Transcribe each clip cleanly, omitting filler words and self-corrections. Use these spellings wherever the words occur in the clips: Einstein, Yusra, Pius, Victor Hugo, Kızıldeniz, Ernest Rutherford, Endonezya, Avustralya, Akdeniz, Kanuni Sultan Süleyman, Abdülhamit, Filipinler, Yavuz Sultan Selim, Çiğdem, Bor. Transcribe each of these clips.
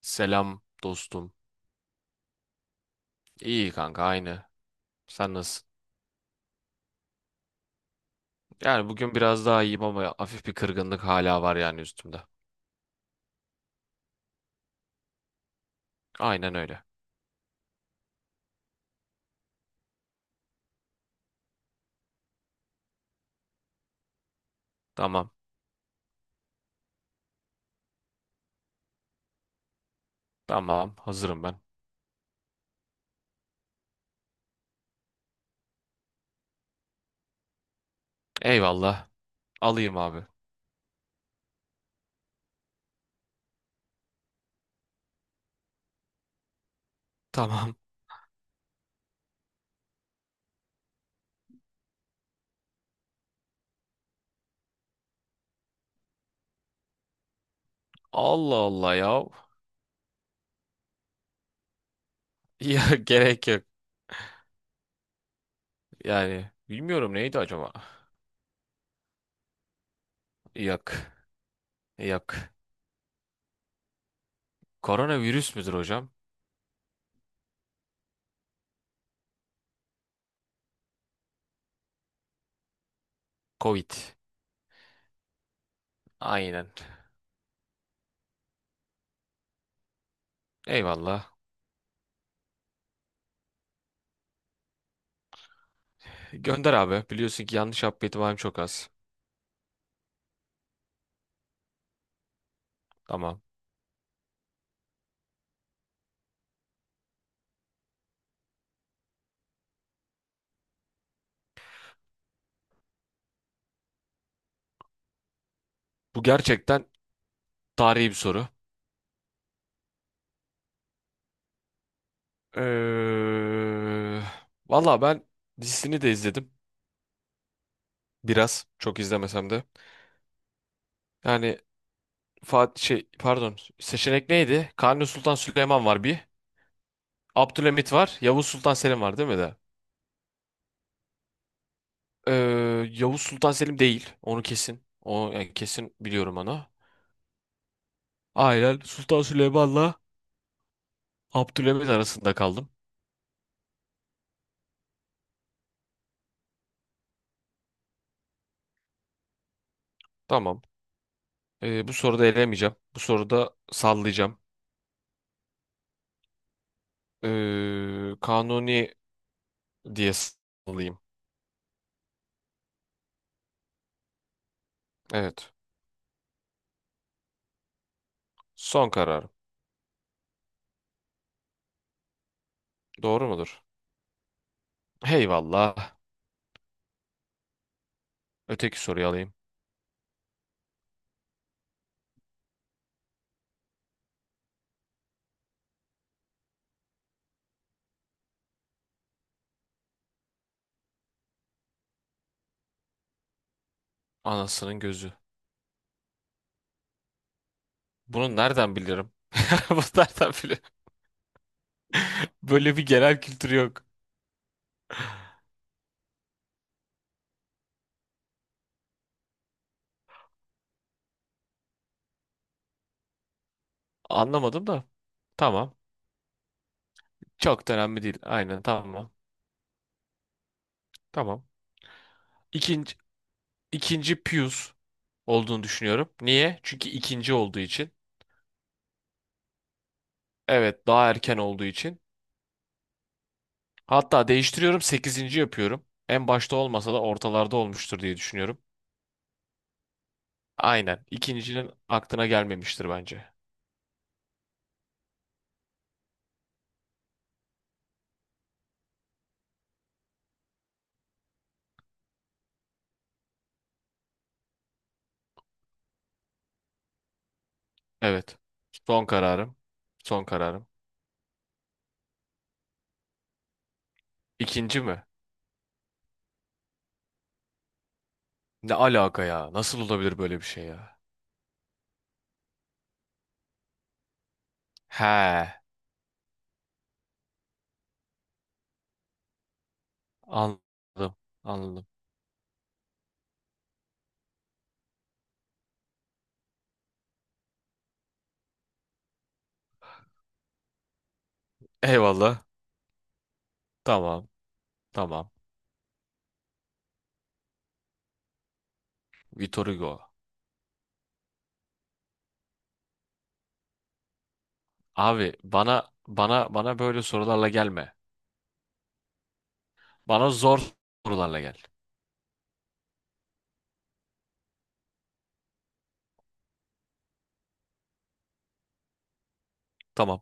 Selam dostum. İyi kanka aynı. Sen nasılsın? Yani bugün biraz daha iyiyim ama hafif bir kırgınlık hala var yani üstümde. Aynen öyle. Tamam. Tamam. Hazırım ben. Eyvallah. Alayım abi. Tamam. Allah Allah ya. Ya gerek yok. Yani bilmiyorum neydi acaba? Yok. Yok. Koronavirüs müdür hocam? Covid. Aynen. Eyvallah. Gönder abi. Biliyorsun ki yanlış yapma ihtimalim çok az. Tamam. Bu gerçekten tarihi bir soru. Eee valla ben dizisini de izledim. Biraz. Çok izlemesem de. Yani Fatih şey pardon. Seçenek neydi? Kanuni Sultan Süleyman var bir. Abdülhamit var. Yavuz Sultan Selim var değil mi de? Yavuz Sultan Selim değil. Onu kesin. O yani kesin biliyorum onu. Aynen Sultan Süleyman'la Abdülhamit arasında kaldım. Tamam. Bu soruda elemeyeceğim. Bu soruda sallayacağım. Kanuni diye sallayayım. Evet. Son karar. Doğru mudur? Eyvallah. Öteki soruyu alayım. Anasının gözü. Bunu nereden bilirim? Bunu nereden bilirim? Böyle bir genel kültür yok. Anlamadım da. Tamam. Çok da önemli değil. Aynen tamam. Tamam. İkinci, ikinci Pius olduğunu düşünüyorum. Niye? Çünkü ikinci olduğu için. Evet, daha erken olduğu için. Hatta değiştiriyorum, sekizinci yapıyorum. En başta olmasa da ortalarda olmuştur diye düşünüyorum. Aynen. İkincinin aklına gelmemiştir bence. Evet. Son kararım. Son kararım. İkinci mi? Ne alaka ya? Nasıl olabilir böyle bir şey ya? He. Anladım. Anladım. Eyvallah. Tamam. Tamam. Vitor Hugo. Abi bana böyle sorularla gelme. Bana zor sorularla gel. Tamam.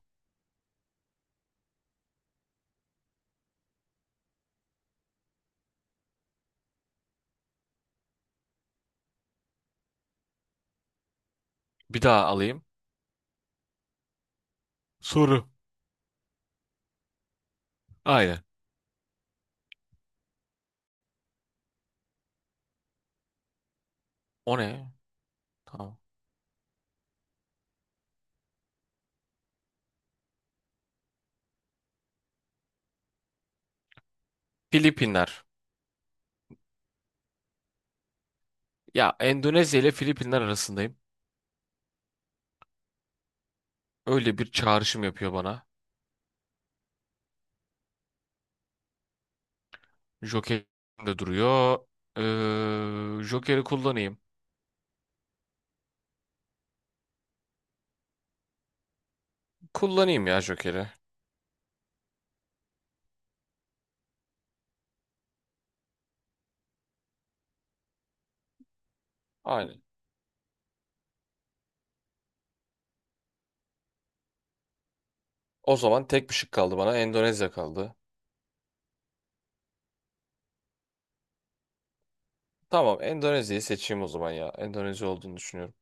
Bir daha alayım. Soru. Aynen. O ne? Tamam. Filipinler. Ya Endonezya ile Filipinler arasındayım. Öyle bir çağrışım yapıyor bana. Joker de duruyor. Joker'i kullanayım. Kullanayım ya Joker'i. Aynen. O zaman tek bir şık kaldı bana. Endonezya kaldı. Tamam, Endonezya'yı seçeyim o zaman ya. Endonezya olduğunu düşünüyorum.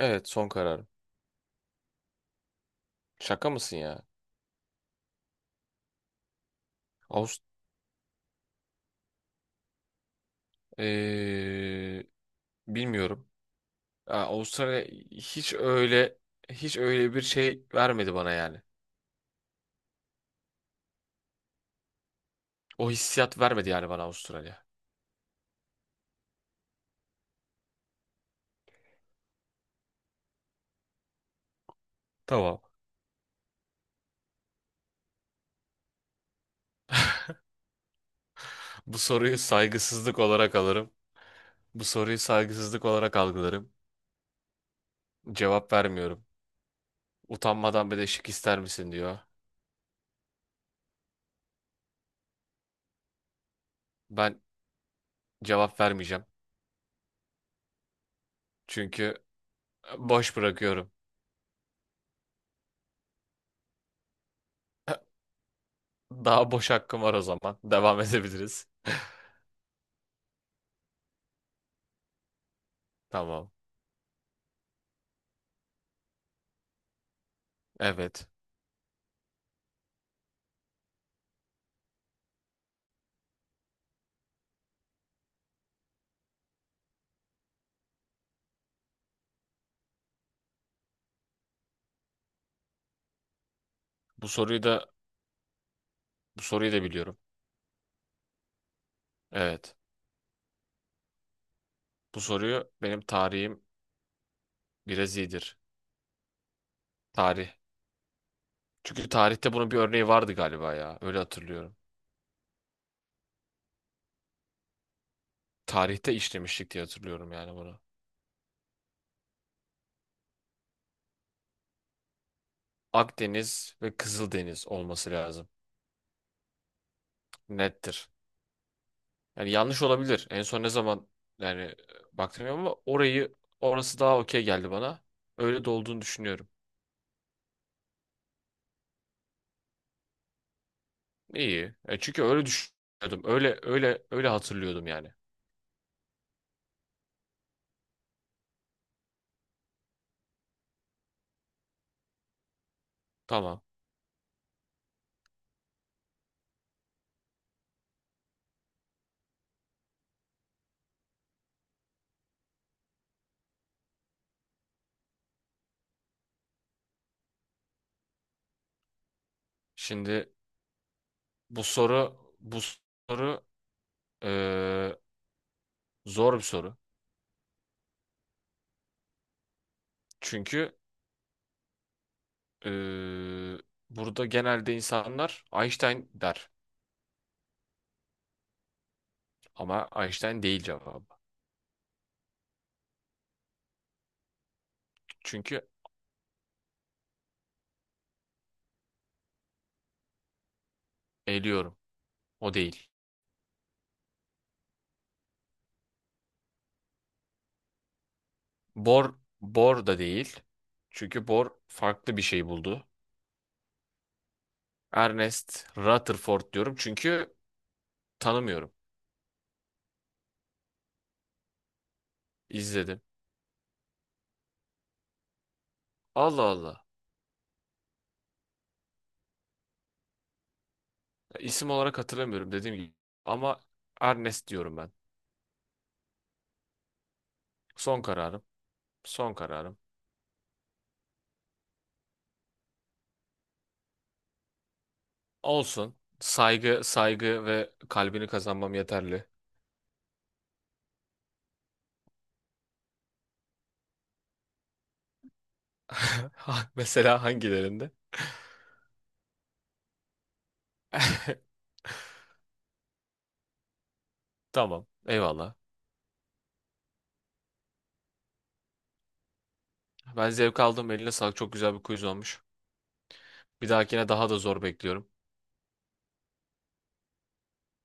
Evet, son kararım. Şaka mısın ya? Avust Ee, bilmiyorum. Ya, Avustralya hiç öyle hiç öyle bir şey vermedi bana yani. O hissiyat vermedi yani bana Avustralya. Tamam. Bu soruyu saygısızlık olarak alırım. Bu soruyu saygısızlık olarak algılarım. Cevap vermiyorum. Utanmadan bir de şık ister misin diyor. Ben cevap vermeyeceğim. Çünkü boş bırakıyorum. Daha boş hakkım var o zaman. Devam edebiliriz. Tamam. Evet. Bu soruyu da bu soruyu da biliyorum. Evet. Bu soruyu benim tarihim biraz iyidir. Tarih. Çünkü tarihte bunun bir örneği vardı galiba ya. Öyle hatırlıyorum. Tarihte işlemiştik diye hatırlıyorum yani bunu. Akdeniz ve Kızıldeniz olması lazım. Nettir. Yani yanlış olabilir. En son ne zaman yani baktım ama orası daha okey geldi bana. Öyle de olduğunu düşünüyorum. İyi. E çünkü öyle düşünüyordum. Öyle öyle öyle hatırlıyordum yani. Tamam. Şimdi bu soru e, zor bir soru. Çünkü e, burada genelde insanlar Einstein der. Ama Einstein değil cevabı. Çünkü eliyorum. O değil. Bor, Bor da değil. Çünkü Bor farklı bir şey buldu. Ernest Rutherford diyorum çünkü tanımıyorum. İzledim. Allah Allah. İsim olarak hatırlamıyorum dediğim gibi. Ama Ernest diyorum ben. Son kararım. Son kararım. Olsun. Saygı, saygı ve kalbini kazanmam yeterli. Mesela hangilerinde? Tamam. Eyvallah. Ben zevk aldım. Eline sağlık. Çok güzel bir quiz olmuş. Bir dahakine daha da zor bekliyorum.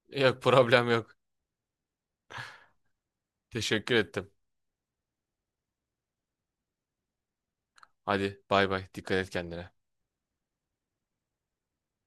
Yok, problem yok. Teşekkür ettim. Hadi bay bay. Dikkat et kendine.